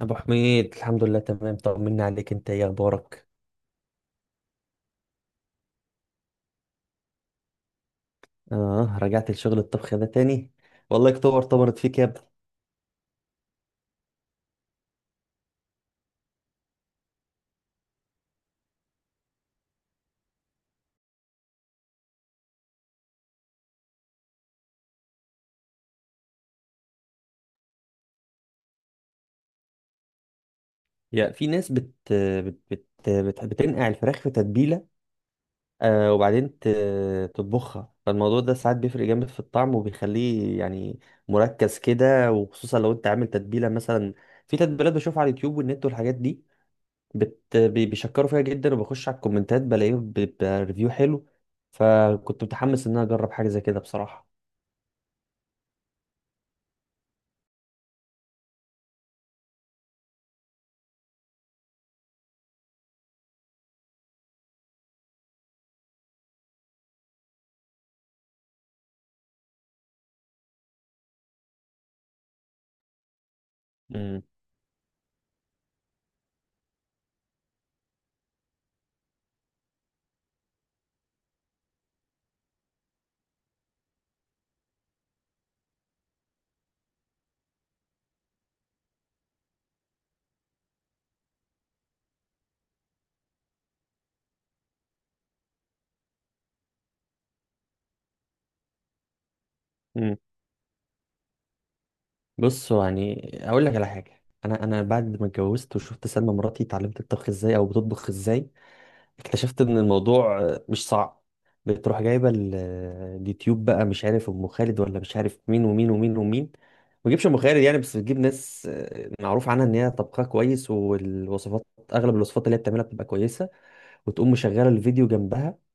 ابو حميد، الحمد لله تمام. طمنا عليك. انت ايه اخبارك؟ اه، رجعت لشغل الطبخ ده تاني؟ والله اكتوبر طمرت فيك يا ابني. يا، في ناس بتنقع الفراخ في تتبيله. وبعدين تطبخها. فالموضوع ده ساعات بيفرق جامد في الطعم، وبيخليه يعني مركز كده، وخصوصا لو انت عامل تتبيله مثلا. في تتبيلات بشوفها على اليوتيوب والنت والحاجات دي. بيشكروا فيها جدا، وبخش على الكومنتات بلاقيه بريفيو حلو. فكنت متحمس ان انا اجرب حاجه زي كده بصراحه. امم. امم. بص، هو يعني اقول لك على حاجه، انا انا بعد ما اتجوزت وشفت سلمى مراتي اتعلمت الطبخ ازاي، او بتطبخ ازاي. اكتشفت ان الموضوع مش صعب. بتروح جايبه اليوتيوب بقى، مش عارف ام خالد ولا مش عارف مين ومين ومين ومين. ما تجيبش ام خالد يعني، بس بتجيب ناس معروف عنها ان هي طبخها كويس. والوصفات، اغلب الوصفات اللي هي بتعملها بتبقى كويسه. وتقوم مشغله الفيديو جنبها،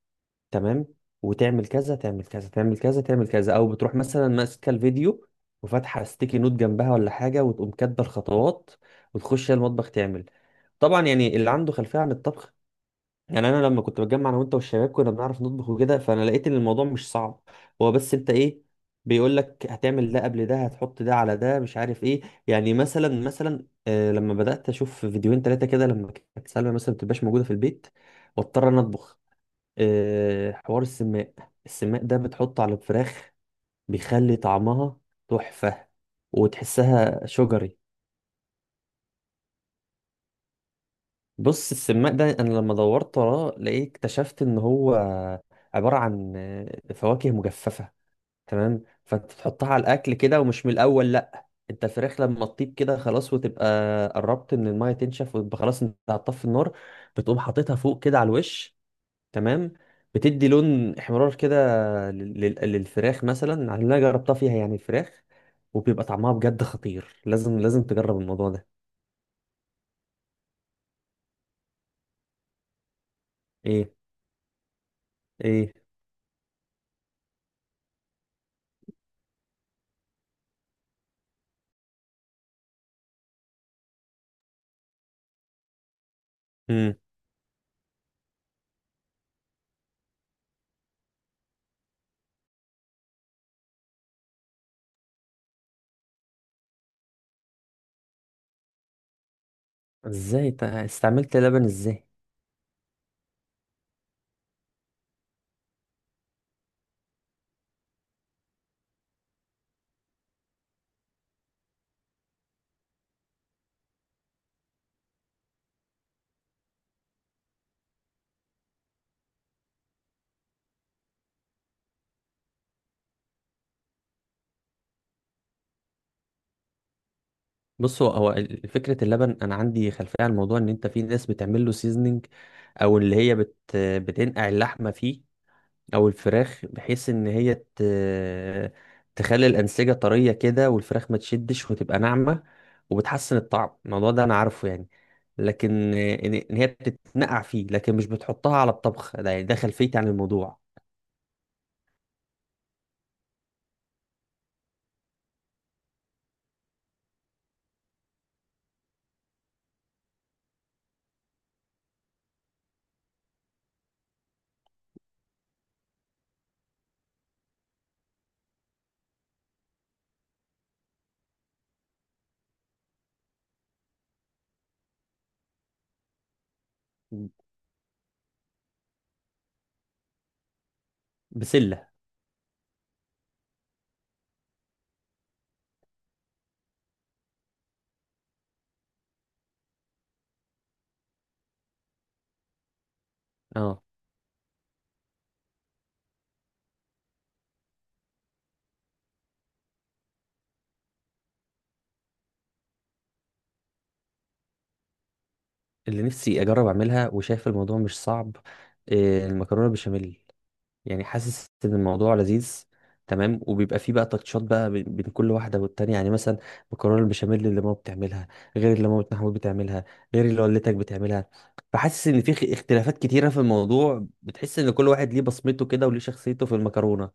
تمام، وتعمل كذا تعمل كذا تعمل كذا تعمل كذا. او بتروح مثلا ماسكه الفيديو وفاتحه ستيكي نوت جنبها ولا حاجه، وتقوم كاتبه الخطوات، وتخش هي المطبخ تعمل. طبعا يعني اللي عنده خلفيه عن الطبخ، يعني انا لما كنت بتجمع انا وانت والشباب كنا بنعرف نطبخ وكده، فانا لقيت ان الموضوع مش صعب. هو بس انت ايه، بيقول لك هتعمل ده قبل ده، هتحط ده على ده، مش عارف ايه. يعني مثلا لما بدات اشوف فيديوهين ثلاثه كده، لما كانت سلمى مثلا ما بتبقاش موجوده في البيت واضطر انا اطبخ. حوار السماق. السماق ده بتحطه على الفراخ، بيخلي طعمها تحفة. وتحسها شجري. بص، السماق ده انا لما دورت وراه لقيت اكتشفت ان هو عبارة عن فواكه مجففة. تمام. فانت تحطها على الاكل كده، ومش من الاول، لا انت الفراخ لما تطيب كده خلاص وتبقى قربت ان الميه تنشف، وتبقى خلاص انت هتطفي النار، بتقوم حاططها فوق كده على الوش. تمام. بتدي لون احمرار كده للفراخ، مثلا على اللي انا جربتها فيها يعني الفراخ. وبيبقى طعمها بجد خطير. لازم لازم تجرب الموضوع ده. ايه؟ ايه؟ امم. ازاي استعملت لبن؟ ازاي؟ بص، هو فكره اللبن انا عندي خلفيه عن الموضوع، ان انت في ناس بتعمل له سيزنينج، او اللي هي بتنقع اللحمه فيه، او الفراخ بحيث ان هي تخلي الانسجه طريه كده، والفراخ ما تشدش وتبقى ناعمه، وبتحسن الطعم. الموضوع ده انا عارفه يعني، لكن إن هي بتتنقع فيه، لكن مش بتحطها على الطبخ ده يعني، ده خلفيتي عن الموضوع. بسله. اه. اللي نفسي اجرب اعملها وشايف الموضوع مش صعب، المكرونه بشاميل. يعني حاسس ان الموضوع لذيذ. تمام، وبيبقى فيه بقى تاتشات بقى بين بين كل واحده والتانيه، يعني مثلا مكرونه البشاميل اللي ماما بتعملها غير اللي مامة محمود بتعملها، غير اللي والدتك بتعملها. فحاسس ان في اختلافات كتيره في الموضوع، بتحس ان كل واحد ليه بصمته كده وليه شخصيته في المكرونه.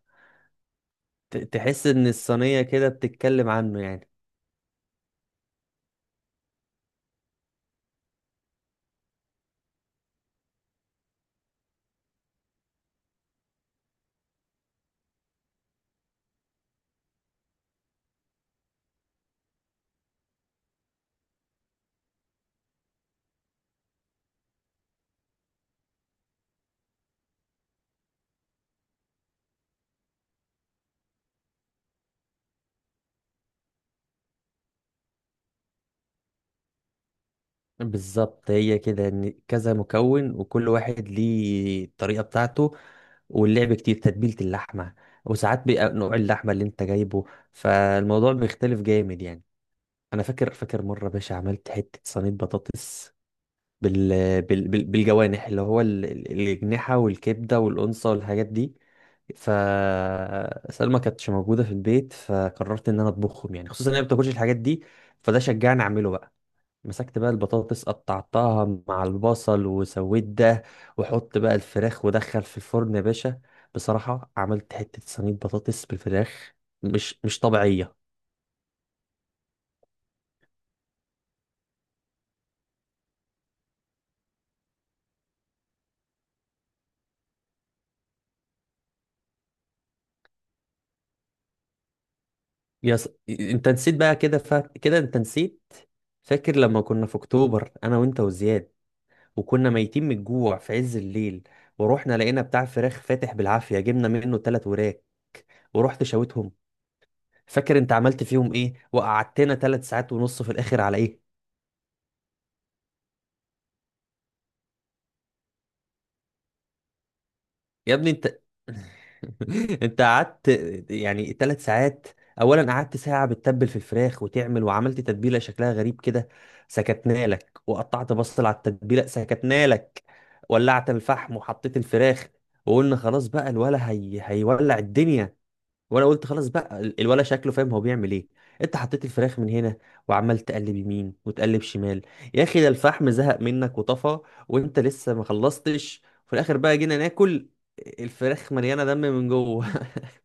تحس ان الصينيه كده بتتكلم عنه يعني. بالظبط، هي كده ان كذا مكون وكل واحد ليه الطريقه بتاعته. واللعب كتير، تتبيله اللحمه، وساعات بيبقى نوع اللحمه اللي انت جايبه، فالموضوع بيختلف جامد يعني. انا فاكر مره يا باشا، عملت حته صينيه بطاطس بال... بالجوانح، اللي هو الاجنحه والكبده والانصه والحاجات دي. فسلمى كانتش موجوده في البيت، فقررت ان انا اطبخهم، يعني خصوصا ان هي ما بتاكلش الحاجات دي، فده شجعني اعمله بقى. مسكت بقى البطاطس، قطعتها مع البصل وسويت ده، وحط بقى الفراخ ودخل في الفرن يا باشا. بصراحة عملت حتة صينية بطاطس بالفراخ مش طبيعية. انت نسيت بقى كده، كده انت نسيت. فاكر لما كنا في اكتوبر انا وانت وزياد، وكنا ميتين من الجوع في عز الليل، ورحنا لقينا بتاع فراخ فاتح بالعافية، جبنا منه 3 وراك ورحت شويتهم. فاكر انت عملت فيهم ايه؟ وقعدتنا 3 ساعات ونص في الاخر على ايه؟ يا ابني انت انت قعدت يعني 3 ساعات. اولا قعدت ساعه بتتبل في الفراخ وتعمل، وعملت تتبيله شكلها غريب كده، سكتنا لك. وقطعت بصل على التتبيله، سكتنا لك. ولعت الفحم وحطيت الفراخ، وقلنا خلاص بقى الولا هي هيولع الدنيا. وانا قلت خلاص بقى الولا شكله فاهم هو بيعمل ايه. انت حطيت الفراخ من هنا، وعمال تقلب يمين وتقلب شمال. يا اخي، ده الفحم زهق منك وطفى وانت لسه ما خلصتش. في الاخر بقى جينا ناكل الفراخ مليانه دم من جوه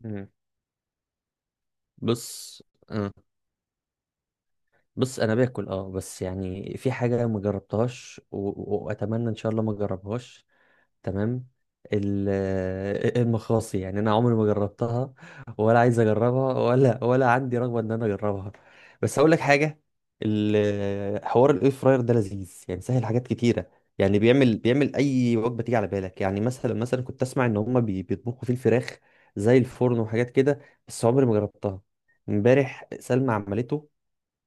مم. بص. آه. بص انا باكل اه، بس يعني في حاجه ما جربتهاش، واتمنى ان شاء الله ما جربهاش. تمام. ال- المخاصي يعني انا عمري ما جربتها، ولا عايز اجربها، ولا عندي رغبه ان انا اجربها. بس اقول لك حاجه، حوار الاير فراير ده لذيذ يعني، سهل حاجات كتيره. يعني بيعمل اي وجبه تيجي على بالك. يعني مثلا كنت اسمع ان هم بيطبخوا فيه الفراخ زي الفرن وحاجات كده، بس عمري ما جربتها. امبارح سلمى عملته،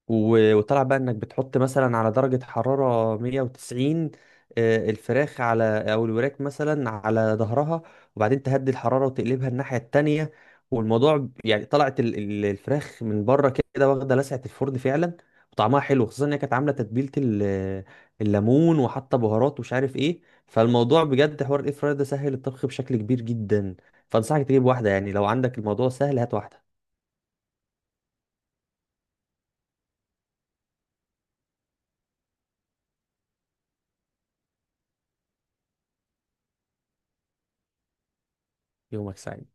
وطلع بقى انك بتحط مثلا على درجة حرارة 190، الفراخ على، او الوراك مثلا على ظهرها، وبعدين تهدي الحرارة وتقلبها الناحية التانية. والموضوع يعني طلعت الفراخ من بره كده واخدة لسعة الفرن فعلا، وطعمها حلو خصوصا انها كانت عاملة تتبيلة الليمون وحاطة بهارات ومش عارف ايه. فالموضوع بجد حوار الاير فراير ده سهل الطبخ بشكل كبير جدا. فانصحك تجيب واحدة يعني، لو عندك الموضوع سهل هات واحدة. يومك سعيد.